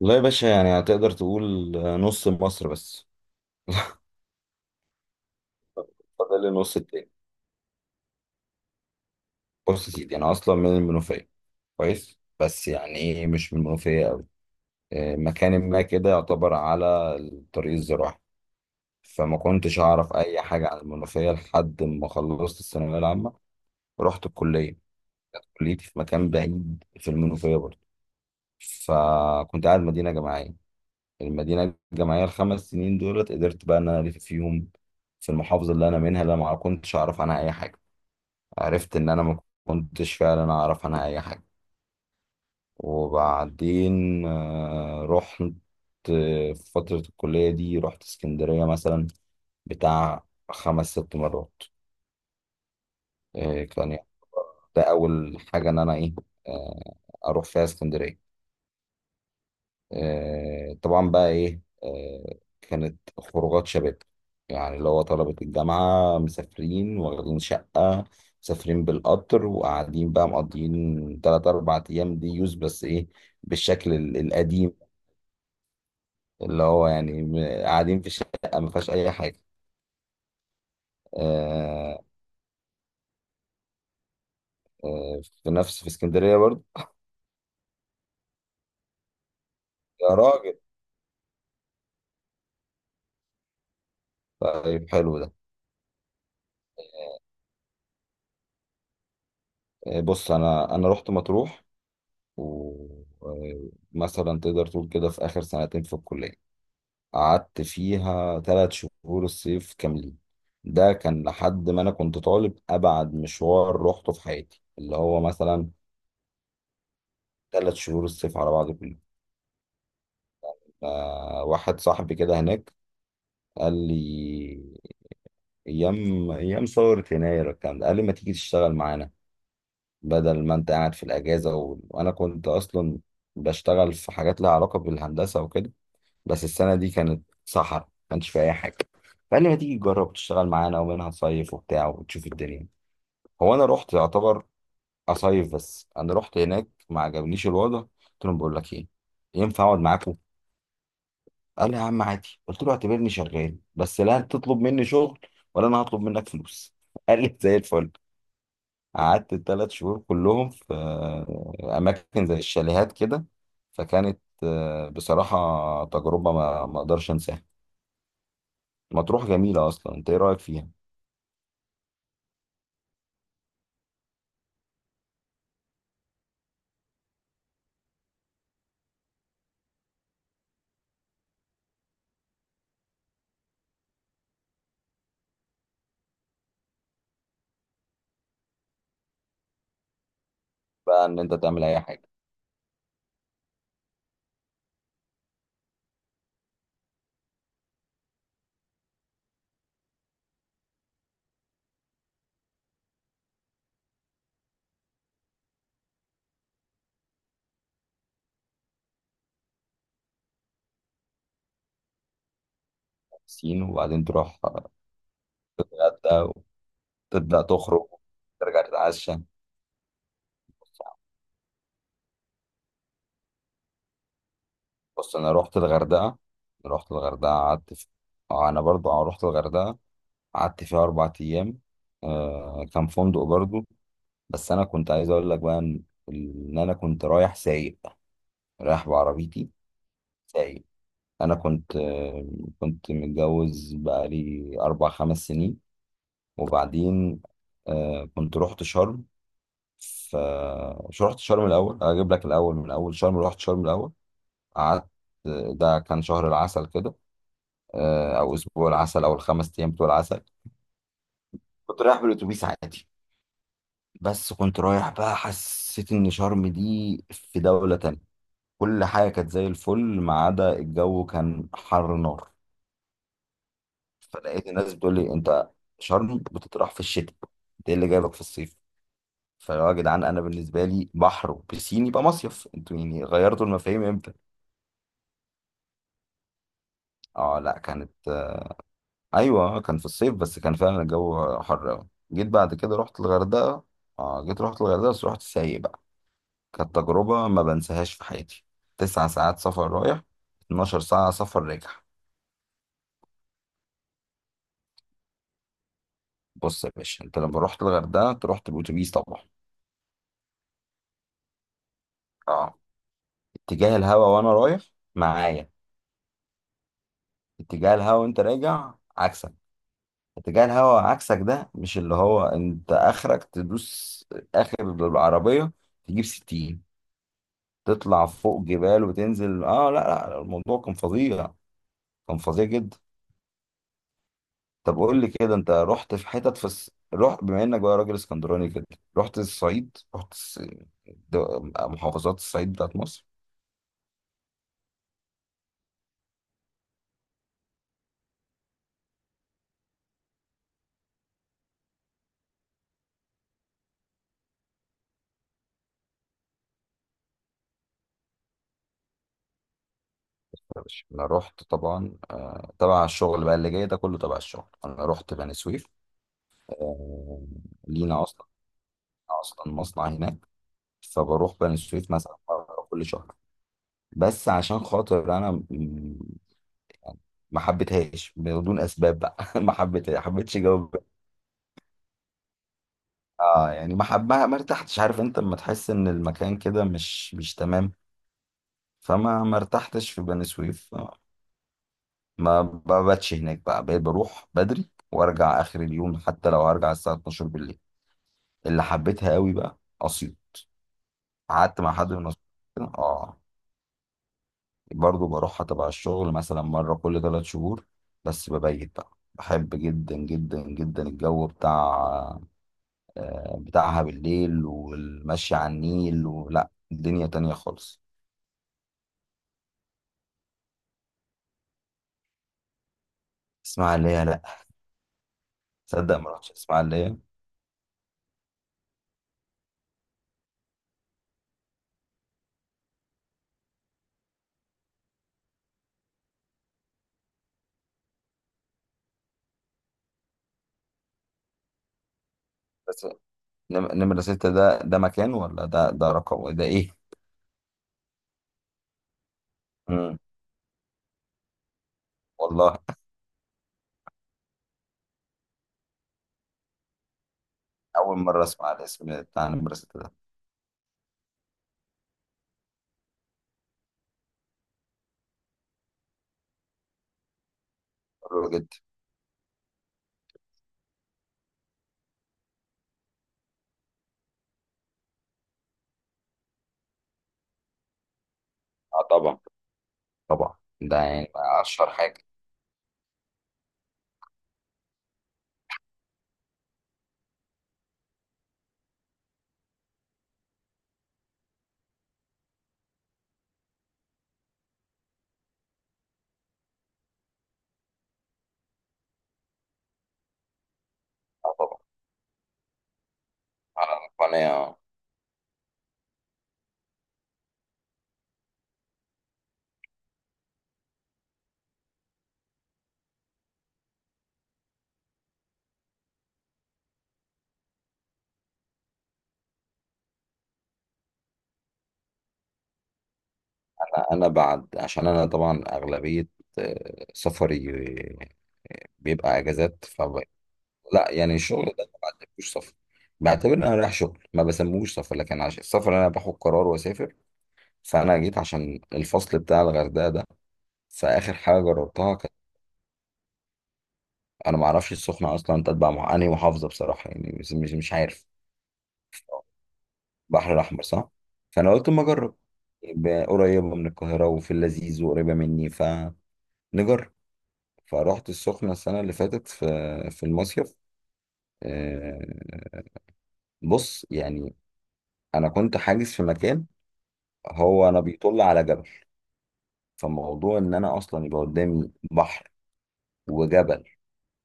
والله يا باشا، يعني هتقدر تقول نص مصر بس. فاضل النص التاني. بص يا سيدي، انا اصلا من المنوفيه. كويس، بس يعني ايه مش من المنوفيه قوي. مكان ما كده يعتبر على الطريق الزراعي. فما كنتش اعرف اي حاجه عن المنوفيه لحد ما خلصت الثانويه العامه. ورحت الكليه. كليتي في مكان بعيد في المنوفيه برضه. فكنت قاعد مدينه جامعيه. المدينه الجامعيه ال5 سنين دولت، قدرت بقى ان انا الف فيهم في المحافظه اللي انا منها، اللي أنا ما كنتش اعرف عنها اي حاجه. عرفت ان انا ما كنتش فعلا اعرف عنها اي حاجه. وبعدين رحت. في فتره الكليه دي رحت اسكندريه مثلا بتاع 5 6 مرات. كان يعني ده اول حاجه ان انا ايه. آه، اروح فيها اسكندريه. طبعا بقى ايه، كانت خروجات شباب، يعني اللي هو طلبة الجامعة مسافرين واخدين شقة، مسافرين بالقطر وقاعدين بقى مقضيين 3 4 أيام. دي يوز بس إيه، بالشكل القديم، اللي هو يعني قاعدين في شقة ما فيهاش أي حاجة. آه، في نفس في اسكندرية برضه. يا راجل، طيب حلو ده. بص أنا رحت مطروح. ومثلا تقدر تقول كده في آخر سنتين في الكلية قعدت فيها 3 شهور الصيف كاملين. ده كان لحد ما أنا كنت طالب أبعد مشوار روحته في حياتي، اللي هو مثلا 3 شهور الصيف على بعض كله. واحد صاحبي كده هناك قال لي، أيام ثورة يناير الكلام ده، قال لي ما تيجي تشتغل معانا بدل ما أنت قاعد في الأجازة وأنا كنت أصلا بشتغل في حاجات لها علاقة بالهندسة وكده، بس السنة دي كانت صحراء ما كانش فيها أي حاجة. فقال لي ما تيجي تجرب تشتغل معانا ومنها تصيف وبتاع وتشوف الدنيا. هو أنا رحت يعتبر أصيف، بس أنا رحت هناك ما عجبنيش الوضع، قلت لهم بقول لك إيه، ينفع أقعد معاكم؟ قال لي يا عم عادي. قلت له اعتبرني شغال بس لا تطلب مني شغل ولا أنا هطلب منك فلوس. قال لي زي الفل. قعدت ال3 شهور كلهم في أماكن زي الشاليهات كده. فكانت بصراحة تجربة ما أقدرش أنساها. مطروح جميلة أصلا، أنت إيه رأيك فيها؟ بقى إن أنت تعمل أي حاجة. سين وبعدين تروح الغردقة وتبدأ تخرج، ترجع تتعشى. بص أنا رحت الغردقة. رحت الغردقة أنا برضو رحت الغردقة قعدت فيها 4 أيام. كان فندق برضو. بس أنا كنت عايز أقول لك بقى إن أنا كنت رايح سايق، رايح بعربيتي، سايق. أنا كنت كنت متجوز بقالي 4 5 سنين. وبعدين كنت رحت شرم. ف مش رحت شرم الاول. اجيب لك الاول. من اول شرم رحت شرم الاول. قعدت. ده كان شهر العسل كده. او اسبوع العسل او ال5 ايام بتوع العسل. كنت رايح بالاتوبيس عادي، بس كنت رايح بقى حسيت ان شرم دي في دولة تانية. كل حاجة كانت زي الفل، ما عدا الجو كان حر نار. فلقيت الناس بتقول لي، انت شرم بتطرح في الشتاء، انت ايه اللي جايبك في الصيف؟ فيا جدعان، انا بالنسبه لي بحر وبسين يبقى مصيف، انتوا يعني غيرتوا المفاهيم امتى؟ اه لا، كانت. ايوه كان في الصيف بس كان فعلا الجو حر قوي. جيت بعد كده رحت الغردقه. اه، جيت رحت الغردقه بس رحت سايق بقى. كانت تجربه ما بنساهاش في حياتي. 9 ساعات سفر رايح، 12 ساعه سفر راجع. بص يا باشا، انت لما رحت الغردقه انت رحت بالاتوبيس طبعا. اه. اتجاه الهوا وانا رايح معايا، اتجاه الهوا وانت راجع عكسك. اتجاه الهواء عكسك، ده مش اللي هو انت اخرك تدوس اخر العربية تجيب 60؟ تطلع فوق جبال وتنزل. اه لا لا، الموضوع كان فظيع. كان فظيع جدا. طب قول لي كده، انت رحت في حتت في رحت بما انك بقى راجل اسكندراني كده، رحت الصعيد، محافظات الصعيد بتاعت مصر؟ يا باشا، انا رحت طبعا تبع الشغل بقى، اللي جاي ده كله تبع الشغل. انا رحت بني سويف. آه، لينا اصلا مصنع هناك. فبروح بني سويف مثلا مرة كل شهر. بس عشان خاطر انا ما حبيتهاش بدون اسباب بقى. ما حبيتها حبيتش جو. اه يعني ما حب ما ما ارتحتش. عارف انت لما تحس ان المكان كده مش تمام. فما ما ارتحتش في بني سويف. ما بباتش هناك بقى، بقيت بروح بدري وارجع اخر اليوم حتى لو هرجع الساعه 12 بالليل. اللي حبيتها قوي بقى اسيوط. قعدت مع حد من اسيوط كده. اه. برضو بروحها تبع الشغل مثلا مرة كل 3 شهور. بس ببيت بقى. بحب جدا جدا جدا الجو بتاع بتاعها بالليل، والمشي على النيل، ولا الدنيا تانية خالص. اسماعيلية، لا. تصدق ما رحتش اسماعيلية؟ بس نمرة 6، ده مكان ولا ده رقم؟ ده ايه؟ مم. والله، أول مرة أسمع الاسم بتاع نمرة 6 ده. حلو جدا. اه طبعا. طبعا ده يعني أشهر حاجة. اه طبعا. على القناة. انا بعد عشان انا طبعا اغلبيه سفري بيبقى اجازات. لا يعني الشغل ده ما بعتبروش سفر. بعتبر ان انا رايح شغل ما بسموش سفر، لكن عشان السفر انا باخد قرار واسافر. فانا جيت عشان الفصل بتاع الغردقه ده، فاخر حاجه جربتها كانت، انا ما اعرفش السخنه اصلا تتبع مع انهي محافظه بصراحه، يعني مش عارف. البحر الاحمر، صح. فانا قلت اما اجرب، يبقى قريبه من القاهره وفي اللذيذ وقريبه مني، فنجرب. فروحت السخنة السنة اللي فاتت في المصيف. آه، بص يعني، أنا كنت حاجز في مكان، هو أنا بيطل على جبل. فموضوع إن أنا أصلا يبقى قدامي بحر وجبل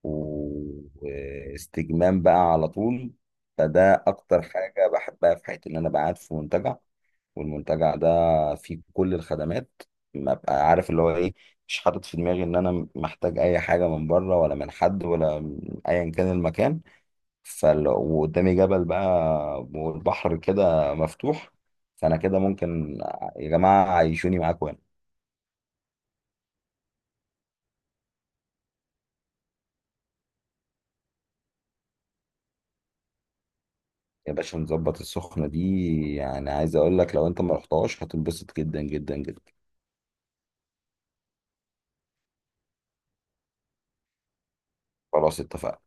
واستجمام بقى على طول. فده أكتر حاجة بحبها في حياتي، إن أنا بقعد في منتجع. والمنتجع ده فيه كل الخدمات، ما بقى عارف اللي هو إيه. مش حاطط في دماغي إن أنا محتاج أي حاجة من بره، ولا من حد، ولا من أيا كان المكان. وقدامي جبل بقى، والبحر كده مفتوح. فانا كده ممكن، يا جماعه عيشوني معاكم هنا. يا باشا، نظبط السخنه دي، يعني عايز اقول لك لو انت ما رحتهاش هتنبسط جدا جدا جدا. خلاص اتفقنا.